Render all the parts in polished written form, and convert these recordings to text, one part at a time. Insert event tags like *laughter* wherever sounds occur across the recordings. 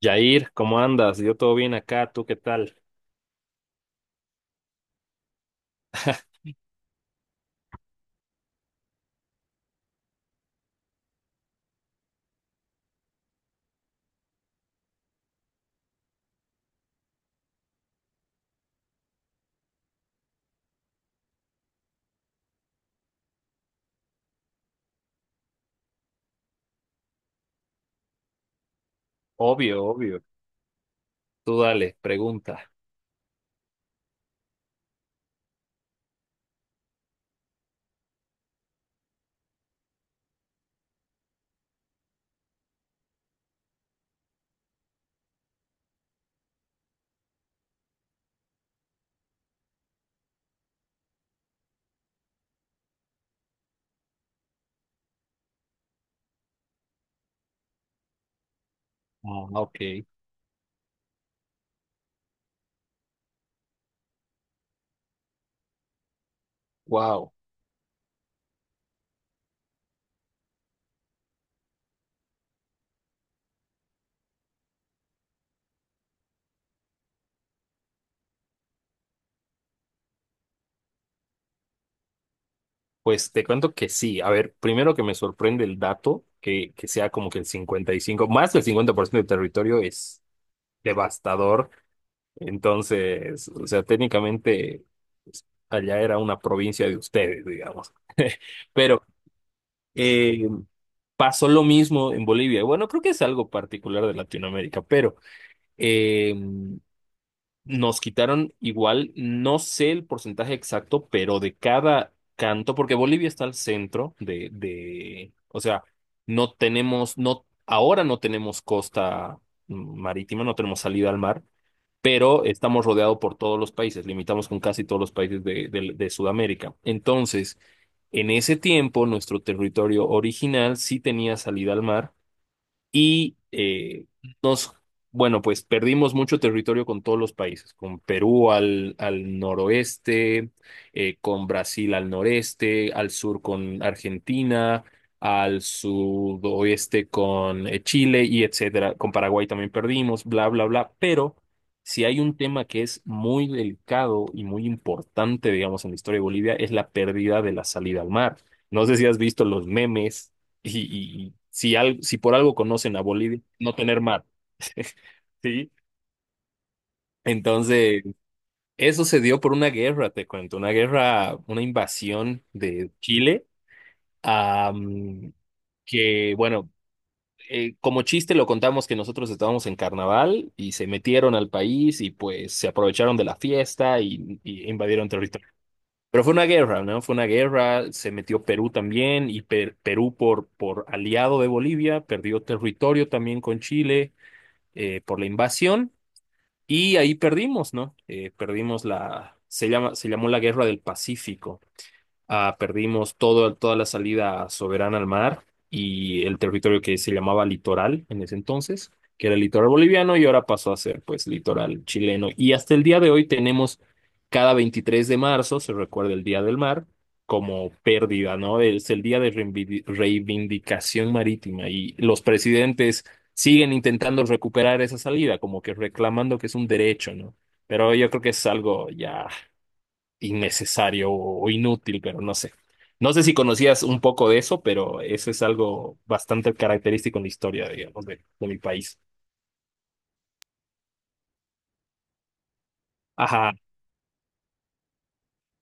Yair, ¿cómo andas? Yo todo bien acá, ¿tú qué tal? *laughs* Obvio, obvio. Tú dale, pregunta. Ah, ok. Wow. Pues te cuento que sí. A ver, primero que me sorprende el dato, que sea como que el 55, más del 50% del territorio es devastador. Entonces, o sea, técnicamente pues, allá era una provincia de ustedes, digamos. *laughs* Pero eh, pasó lo mismo en Bolivia. Bueno, creo que es algo particular de Latinoamérica, pero eh, nos quitaron igual, no sé el porcentaje exacto, pero de cada canto, porque Bolivia está al centro o sea, no tenemos, no, ahora no tenemos costa marítima, no tenemos salida al mar, pero estamos rodeados por todos los países, limitamos con casi todos los países de, de Sudamérica. Entonces, en ese tiempo, nuestro territorio original sí tenía salida al mar y nos, bueno, pues perdimos mucho territorio con todos los países, con Perú al, al noroeste, con Brasil al noreste, al sur con Argentina, al sudoeste con Chile y etcétera. Con Paraguay también perdimos, bla, bla, bla. Pero si hay un tema que es muy delicado y muy importante, digamos, en la historia de Bolivia, es la pérdida de la salida al mar. No sé si has visto los memes y si, si por algo conocen a Bolivia, no tener mar, *laughs* ¿sí? Entonces, eso se dio por una guerra, te cuento, una guerra, una invasión de Chile, ah, mm, que, bueno, como chiste lo contamos que nosotros estábamos en carnaval y se metieron al país y pues se aprovecharon de la fiesta y invadieron territorio. Pero fue una guerra, ¿no? Fue una guerra, se metió Perú también y Perú por aliado de Bolivia, perdió territorio también con Chile por la invasión y ahí perdimos, ¿no? Perdimos la, se llama, se llamó la Guerra del Pacífico. Ah, perdimos todo, toda la salida soberana al mar y el territorio que se llamaba litoral en ese entonces, que era el litoral boliviano y ahora pasó a ser pues litoral chileno. Y hasta el día de hoy tenemos cada 23 de marzo, se recuerda el Día del Mar, como pérdida, ¿no? Es el día de reivindicación marítima y los presidentes siguen intentando recuperar esa salida, como que reclamando que es un derecho, ¿no? Pero yo creo que es algo ya innecesario o inútil, pero no sé. No sé si conocías un poco de eso, pero eso es algo bastante característico en la historia, digamos, de mi país. Ajá,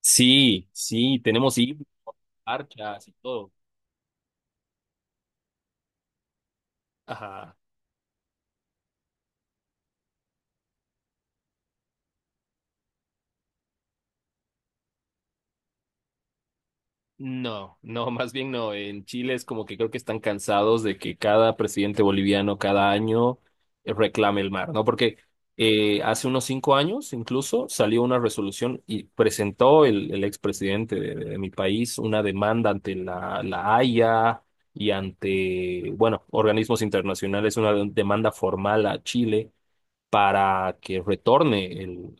sí, sí, tenemos y marchas y todo. Ajá. No, no, más bien no. En Chile es como que creo que están cansados de que cada presidente boliviano cada año reclame el mar, ¿no? Porque hace unos 5 años incluso salió una resolución y presentó el expresidente de mi país una demanda ante la, la Haya y ante, bueno, organismos internacionales, una demanda formal a Chile para que retorne el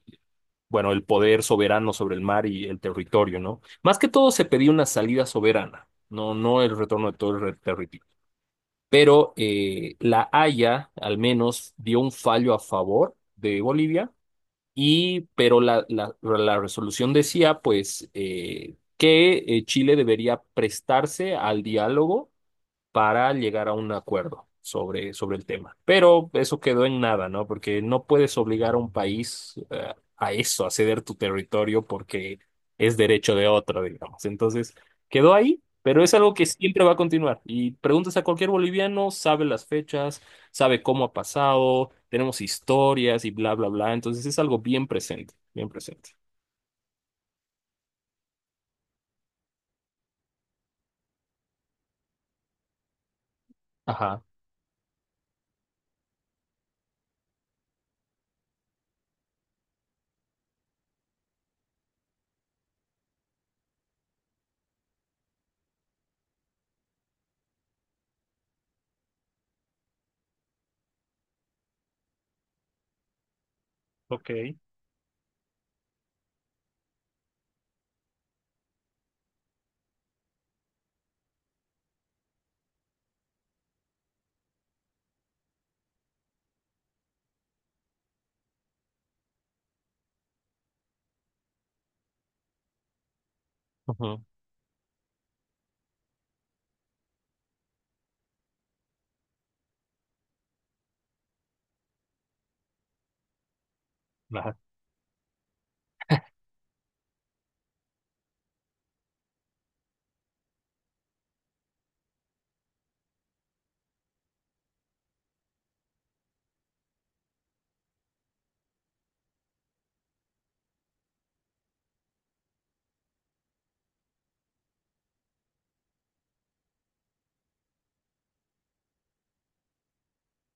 bueno, el poder soberano sobre el mar y el territorio, ¿no? Más que todo se pedía una salida soberana, no, no el retorno de todo el territorio. Pero La Haya al menos dio un fallo a favor de Bolivia y pero la resolución decía pues que Chile debería prestarse al diálogo para llegar a un acuerdo sobre, sobre el tema. Pero eso quedó en nada, ¿no? Porque no puedes obligar a un país a eso, a ceder tu territorio porque es derecho de otro, digamos. Entonces, quedó ahí, pero es algo que siempre va a continuar. Y preguntas a cualquier boliviano, sabe las fechas, sabe cómo ha pasado, tenemos historias y bla, bla, bla. Entonces, es algo bien presente, bien presente. Ajá. Ok. Ujú. Ajá.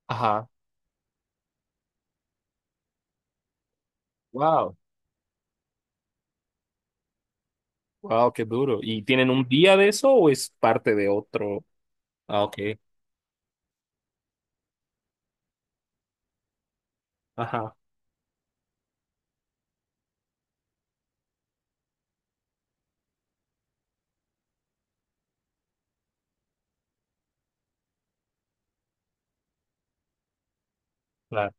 Ajá. Wow. Wow, qué duro. ¿Y tienen un día de eso o es parte de otro? Ah, ok. Ajá, claro.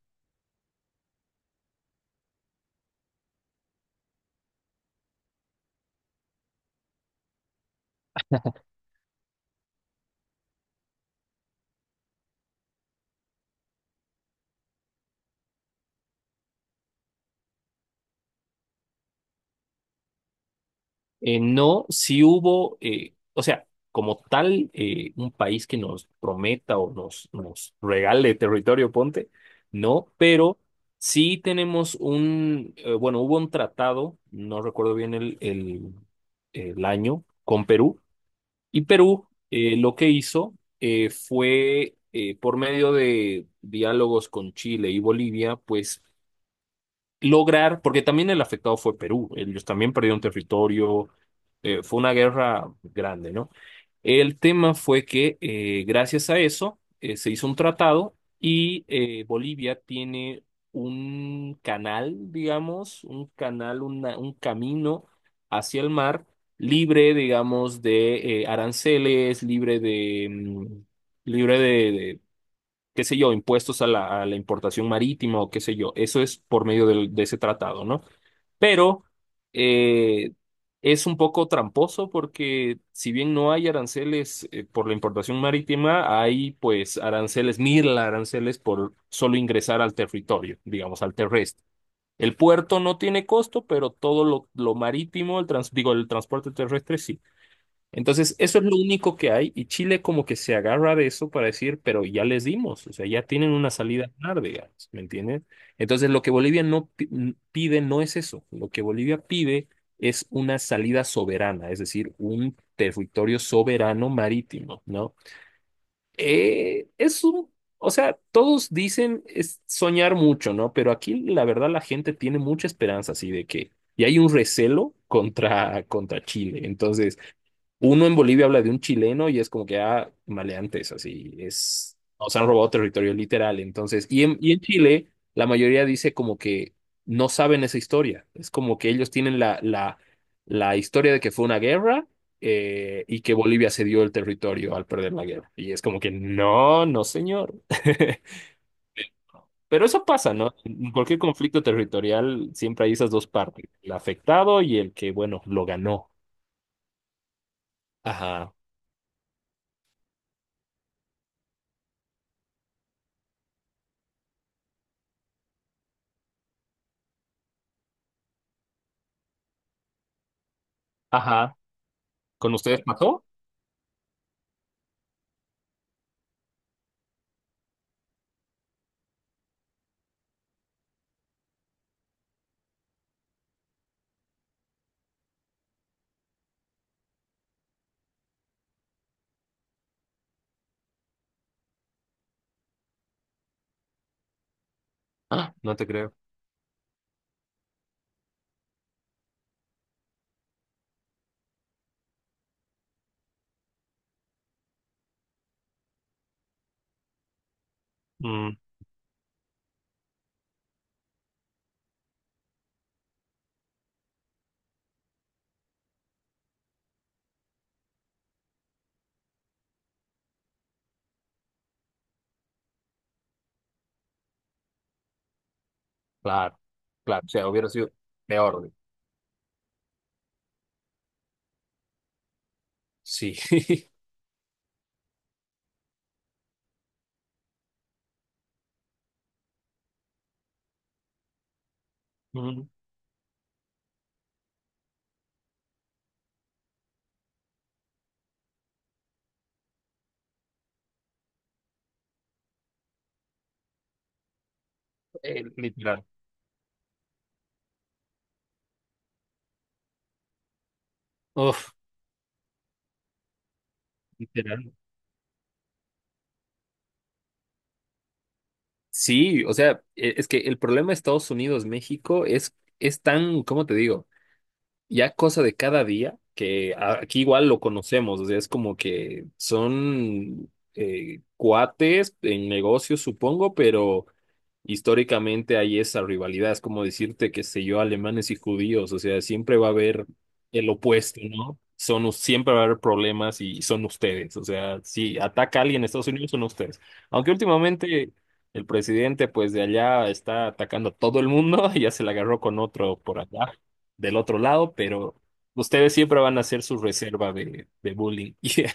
No, si hubo, o sea, como tal, un país que nos prometa o nos, nos regale territorio, ponte, no, pero sí tenemos un, bueno, hubo un tratado, no recuerdo bien el año, con Perú. Y Perú lo que hizo fue por medio de diálogos con Chile y Bolivia, pues lograr, porque también el afectado fue Perú, ellos también perdieron territorio, fue una guerra grande, ¿no? El tema fue que gracias a eso se hizo un tratado y Bolivia tiene un canal, digamos, un canal, un camino hacia el mar libre, digamos, de aranceles, libre de, libre qué sé yo, impuestos a la importación marítima o qué sé yo. Eso es por medio de ese tratado, ¿no? Pero eh, es un poco tramposo porque si bien no hay aranceles por la importación marítima, hay pues aranceles, mil aranceles por solo ingresar al territorio, digamos, al terrestre. El puerto no tiene costo, pero todo lo marítimo, el digo, el transporte terrestre sí. Entonces, eso es lo único que hay y Chile como que se agarra de eso para decir, pero ya les dimos, o sea, ya tienen una salida a ganar, digamos, ¿me entienden? Entonces, lo que Bolivia pide no es eso, lo que Bolivia pide es una salida soberana, es decir, un territorio soberano marítimo, ¿no? Es un, o sea, todos dicen es soñar mucho, ¿no? Pero aquí la verdad la gente tiene mucha esperanza así de que, y hay un recelo contra, contra Chile, entonces. Uno en Bolivia habla de un chileno y es como que, ah, maleantes, así, es, nos han robado territorio literal. Entonces, y en Chile, la mayoría dice como que no saben esa historia. Es como que ellos tienen la historia de que fue una guerra y que Bolivia cedió el territorio al perder la guerra. Y es como que, no, no, señor. *laughs* Pero eso pasa, ¿no? En cualquier conflicto territorial siempre hay esas dos partes, el afectado y el que, bueno, lo ganó. Ajá. Ajá. ¿Con ustedes pasó? Ah, no te creo. Mm, claro, claro. O sea, hubiera sido peor, güey. Sí. *laughs* Mm, literal. Uf, literal. Sí, o sea, es que el problema de Estados Unidos-México es tan, ¿cómo te digo? Ya cosa de cada día, que aquí igual lo conocemos, o sea, es como que son cuates en negocios, supongo, pero históricamente hay esa rivalidad, es como decirte, qué sé yo, alemanes y judíos, o sea, siempre va a haber el opuesto, ¿no? Son, siempre va a haber problemas y son ustedes, o sea, si ataca a alguien en Estados Unidos, son ustedes. Aunque últimamente el presidente, pues de allá está atacando a todo el mundo, *laughs* ya se la agarró con otro por allá, del otro lado, pero ustedes siempre van a ser su reserva de bullying. *laughs* Yeah.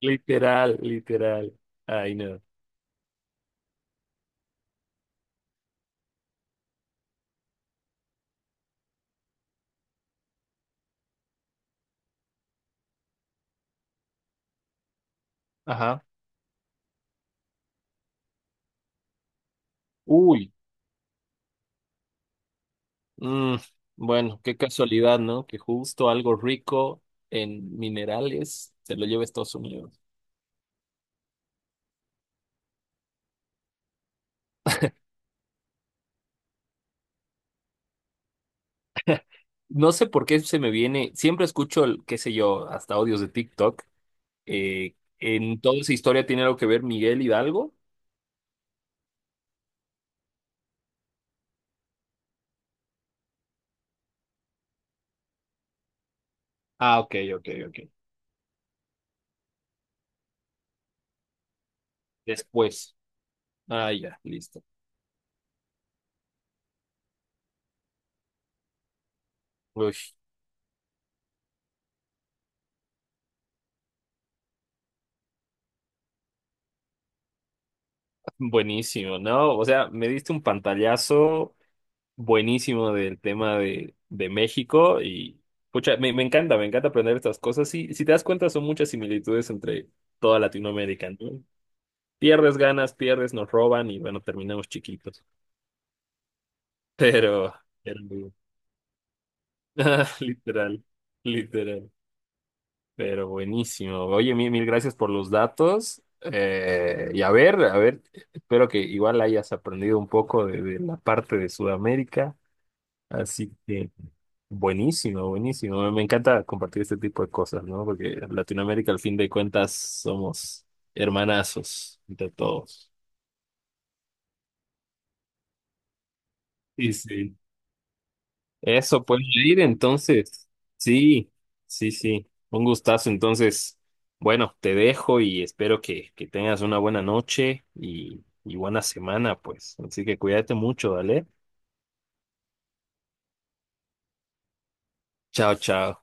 Literal, literal. Ay, no. Ajá. Uy. Mm, bueno, qué casualidad, ¿no? Que justo algo rico en minerales se lo lleve a Estados Unidos. No sé por qué se me viene, siempre escucho, qué sé yo, hasta audios de TikTok. Eh, en toda esa historia tiene algo que ver Miguel Hidalgo. Ah, ok, ok, ok. Después. Ah, ya, listo. Uy, buenísimo, ¿no? O sea, me diste un pantallazo buenísimo del tema de México y pucha, me, me encanta aprender estas cosas. Sí, si te das cuenta, son muchas similitudes entre toda Latinoamérica, ¿no? Pierdes ganas, pierdes, nos roban y bueno, terminamos chiquitos. *laughs* Pero, pero muy- *laughs* Ah, literal, literal, pero buenísimo. Oye, mil, mil gracias por los datos. Y a ver, espero que igual hayas aprendido un poco de la parte de Sudamérica. Así que. Buenísimo, buenísimo. Me encanta compartir este tipo de cosas, ¿no? Porque en Latinoamérica, al fin de cuentas, somos hermanazos entre todos. Y sí. Eso puede ir, entonces. Sí, sí, sí. Un gustazo. Entonces, bueno, te dejo y espero que tengas una buena noche y buena semana, pues. Así que cuídate mucho, ¿vale? Chao, chao.